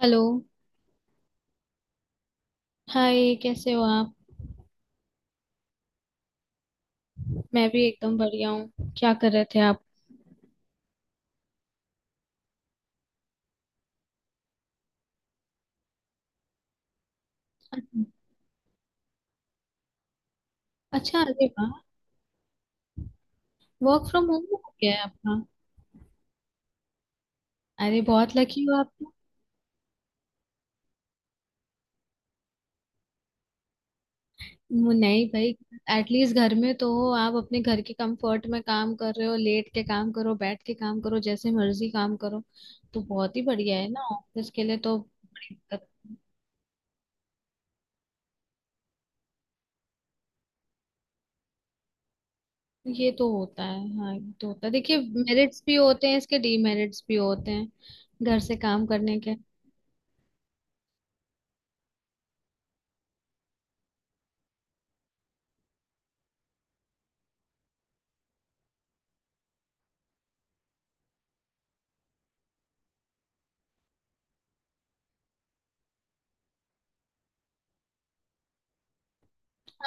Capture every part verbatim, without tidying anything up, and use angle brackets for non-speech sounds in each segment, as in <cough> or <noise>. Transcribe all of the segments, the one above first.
Hello. Hi, कैसे हो आप? मैं भी एकदम बढ़िया हूँ। क्या कर रहे थे आप? अच्छा! अरे वाह। वर्क फ्रॉम होम हो गया है आपका? अरे बहुत लकी हो आप तो। वो नहीं भाई, एटलीस्ट घर में तो हो आप। अपने घर के कंफर्ट में काम कर रहे हो, लेट के काम करो, बैठ के काम करो, जैसे मर्जी काम करो, तो बहुत ही बढ़िया है ना। ऑफिस के लिए तो बड़ी दिक्कत है। ये तो होता है। हाँ, ये तो होता है। देखिए, मेरिट्स भी होते हैं, इसके डीमेरिट्स भी होते हैं, घर से काम करने के।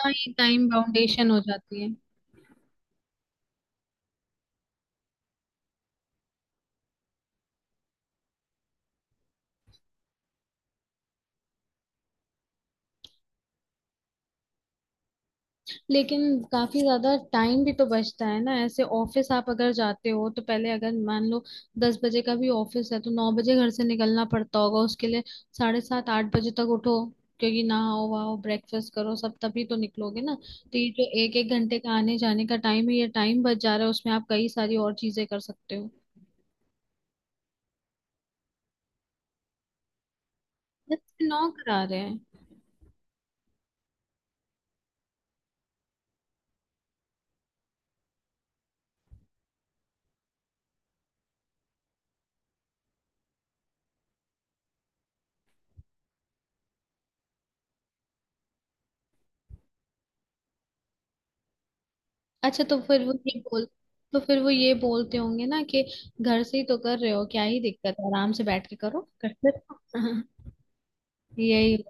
हाँ, ये टाइम बाउंडेशन हो जाती है। लेकिन काफी ज्यादा टाइम भी तो बचता है ना। ऐसे ऑफिस आप अगर जाते हो तो पहले, अगर मान लो दस बजे का भी ऑफिस है, तो नौ बजे घर से निकलना पड़ता होगा उसके लिए। साढ़े सात आठ बजे तक उठो, क्योंकि नहाओ वहाओ ब्रेकफास्ट करो सब, तभी तो निकलोगे ना। तो ये जो एक एक घंटे का आने जाने का टाइम है, ये टाइम बच जा रहा है, उसमें आप कई सारी और चीजें कर सकते हो। दस से नौ करा रहे हैं? अच्छा, तो फिर वो ये बोल तो फिर वो ये बोलते होंगे ना कि घर से ही तो कर रहे हो, क्या ही दिक्कत है, आराम से बैठ के करो, करते रहो। <laughs> यही।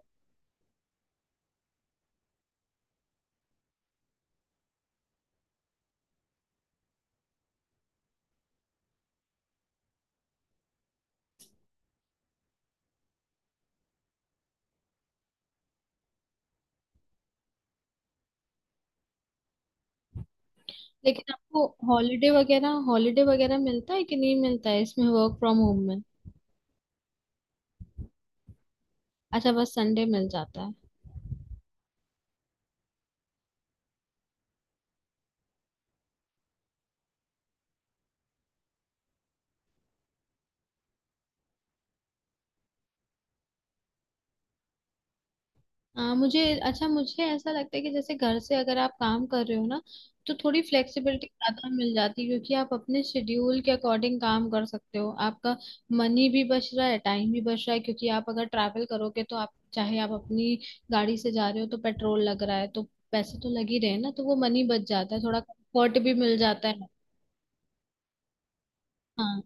लेकिन आपको हॉलीडे वगैरह, हॉलीडे वगैरह मिलता है कि नहीं मिलता है इसमें, वर्क फ्रॉम होम में? अच्छा, बस संडे मिल जाता है? हाँ, मुझे अच्छा, मुझे ऐसा लगता है कि जैसे घर से अगर आप काम कर रहे हो ना, तो थोड़ी फ्लेक्सिबिलिटी ज्यादा मिल जाती है। क्योंकि आप अपने शेड्यूल के अकॉर्डिंग काम कर सकते हो। आपका मनी भी बच रहा है, टाइम भी बच रहा है। क्योंकि आप अगर ट्रैवल करोगे तो आप, चाहे आप अपनी गाड़ी से जा रहे हो तो पेट्रोल लग रहा है, तो पैसे तो लग ही रहे हैं ना, तो वो मनी बच जाता है, थोड़ा कंफर्ट भी मिल जाता है। हाँ,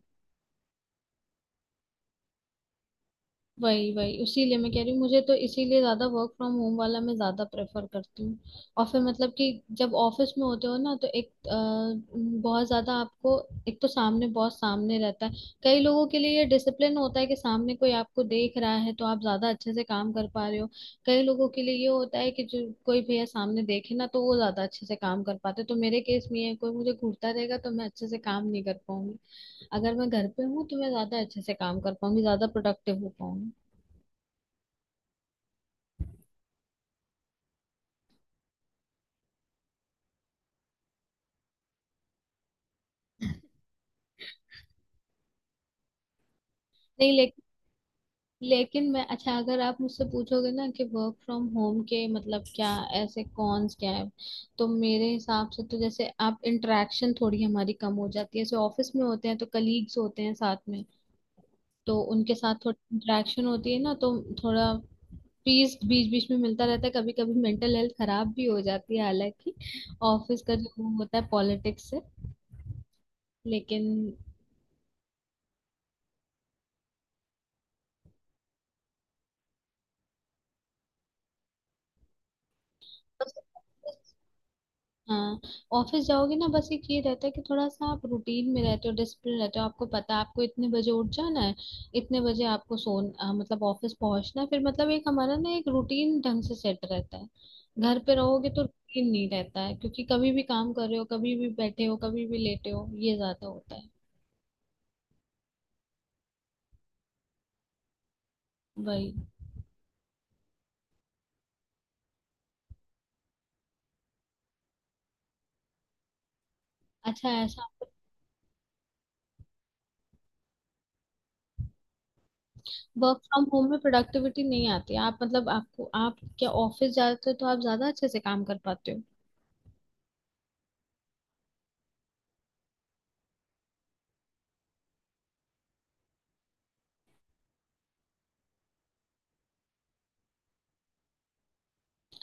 वही वही। उसीलिए मैं कह रही हूँ, मुझे तो इसीलिए ज्यादा वर्क फ्रॉम होम वाला मैं ज्यादा प्रेफर करती हूँ। और फिर मतलब कि जब ऑफिस में होते हो ना, तो एक अ, बहुत ज्यादा आपको, एक तो सामने, बॉस सामने रहता है। कई लोगों के लिए ये डिसिप्लिन होता है कि सामने कोई आपको देख रहा है तो आप ज्यादा अच्छे से काम कर पा रहे हो। कई लोगों के लिए ये होता है कि जो कोई भैया सामने देखे ना तो वो ज्यादा अच्छे से काम कर पाते। तो मेरे केस में ये है, कोई मुझे घूरता रहेगा तो मैं अच्छे से काम नहीं कर पाऊंगी। अगर मैं घर पे हूँ तो मैं ज्यादा अच्छे से काम कर पाऊंगी, ज्यादा प्रोडक्टिव हो पाऊंगी। नहीं, ले, लेकिन मैं, अच्छा, अगर आप मुझसे पूछोगे ना कि वर्क फ्रॉम होम के मतलब क्या, ऐसे कॉन्स क्या है, तो मेरे हिसाब से तो जैसे आप, इंटरेक्शन थोड़ी हमारी कम हो जाती है। जैसे ऑफिस में होते हैं तो कलीग्स होते हैं साथ में, तो उनके साथ थोड़ी इंटरेक्शन होती है ना, तो थोड़ा पीस बीच बीच में मिलता रहता है। कभी कभी मेंटल हेल्थ खराब भी हो जाती है, हालांकि ऑफिस का जो वो होता है पॉलिटिक्स से। लेकिन, हाँ ऑफिस जाओगे ना, बस एक ये रहता है कि थोड़ा सा आप रूटीन में रहते हो, डिसिप्लिन रहते हो। आपको पता है आपको इतने बजे उठ जाना है, इतने बजे आपको सोन अ, मतलब ऑफिस पहुंचना है। फिर मतलब एक हमारा ना, एक रूटीन ढंग से सेट रहता है। घर पे रहोगे तो रूटीन नहीं रहता है, क्योंकि कभी भी काम कर रहे हो, कभी भी बैठे हो, कभी भी लेटे हो, ये ज्यादा होता है। वही। अच्छा, ऐसा? वर्क फ्रॉम होम में प्रोडक्टिविटी नहीं आती? आप मतलब आपको, आप क्या ऑफिस जाते हो तो आप ज्यादा अच्छे से काम कर पाते हो?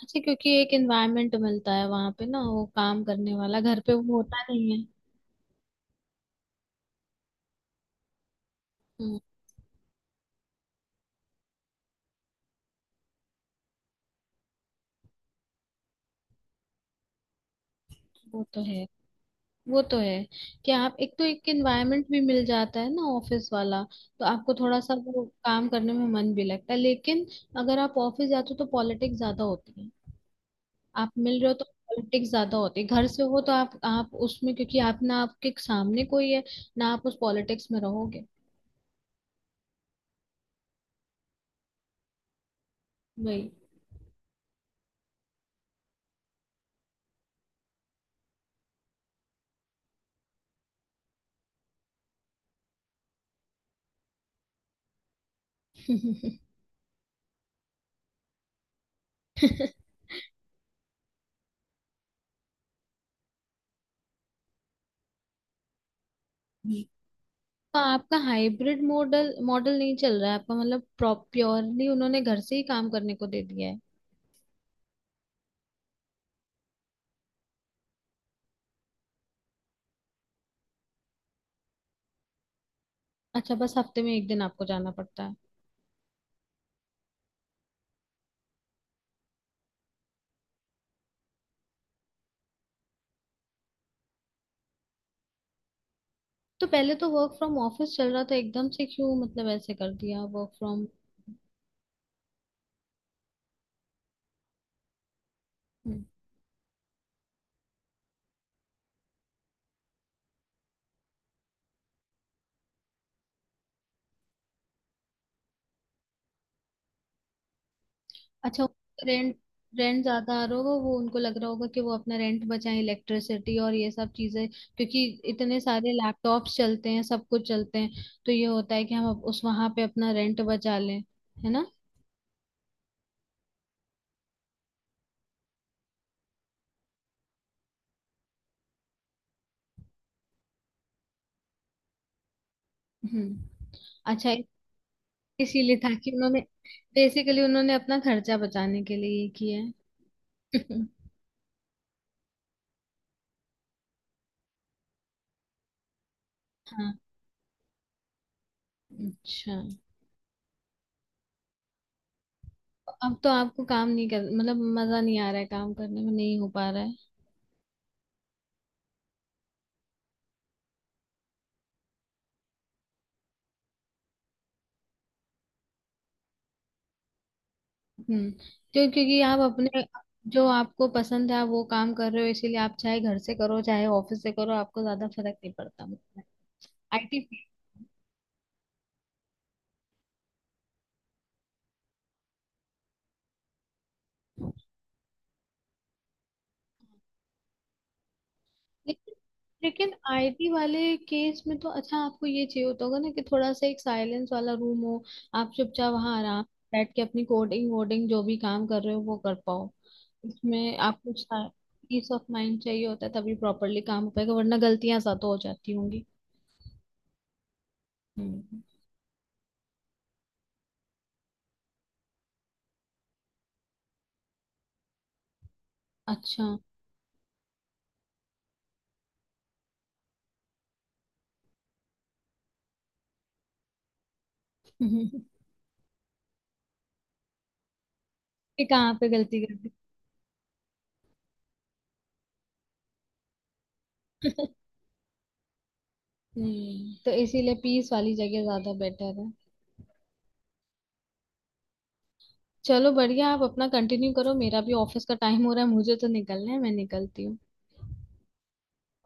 अच्छा, क्योंकि एक एनवायरनमेंट मिलता है वहां पे ना, वो काम करने वाला घर पे वो होता नहीं है। हम्म। वो तो है। वो तो है कि आप, एक तो एक एनवायरनमेंट भी मिल जाता है ना ऑफिस वाला, तो आपको थोड़ा सा वो काम करने में मन भी लगता है। लेकिन अगर आप ऑफिस जाते हो तो पॉलिटिक्स ज्यादा होती है। आप मिल रहे हो तो पॉलिटिक्स ज्यादा होती है। घर से हो तो आप आप उसमें, क्योंकि आप ना, आपके सामने कोई है ना, आप उस पॉलिटिक्स में रहोगे। वही। <laughs> तो आपका हाइब्रिड मॉडल मॉडल नहीं चल रहा है आपका? मतलब प्योरली उन्होंने घर से ही काम करने को दे दिया है? अच्छा, बस हफ्ते में एक दिन आपको जाना पड़ता है? तो पहले तो वर्क फ्रॉम ऑफिस चल रहा था, एकदम से क्यों मतलब ऐसे कर दिया वर्क फ्रॉम? अच्छा। रेंट। रेंट ज्यादा आ रहा होगा, वो उनको लग रहा होगा कि वो अपना रेंट बचाएं, इलेक्ट्रिसिटी और ये सब चीजें। क्योंकि इतने सारे लैपटॉप्स चलते हैं, सब कुछ चलते हैं, तो ये होता है कि हम अब उस, वहां पे अपना रेंट बचा लें। है ना? हम्म। अच्छा, इसीलिए था कि उन्होंने, बेसिकली उन्होंने अपना खर्चा बचाने के लिए ये किया है। <laughs> हाँ, अच्छा। अब तो आपको काम नहीं कर, मतलब मजा नहीं आ रहा है काम करने में, नहीं हो पा रहा है? हम्म। क्यों, क्योंकि आप अपने, जो आपको पसंद है आप वो काम कर रहे हो, इसीलिए आप चाहे घर से करो चाहे ऑफिस से करो आपको ज्यादा फर्क नहीं पड़ता। आईटी लेकिन लेकिन आईटी वाले केस में तो, अच्छा, आपको ये चाहिए होता होगा ना कि थोड़ा सा एक साइलेंस वाला रूम हो, आप चुपचाप वहां आराम से बैठ के अपनी कोडिंग वोडिंग जो भी काम कर रहे हो वो कर पाओ। इसमें आपको पीस ऑफ माइंड चाहिए होता है, तभी प्रॉपरली काम हो पाएगा, वरना गलतियां सा तो हो जाती होंगी। हम्म। अच्छा। <laughs> कि कहाँ पे गलती कर दी? <laughs> हम्म। तो इसीलिए पीस वाली जगह ज्यादा बेटर है। चलो बढ़िया, आप अपना कंटिन्यू करो, मेरा भी ऑफिस का टाइम हो रहा है, मुझे तो निकलना है, मैं निकलती हूँ।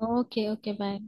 Okay okay, bye.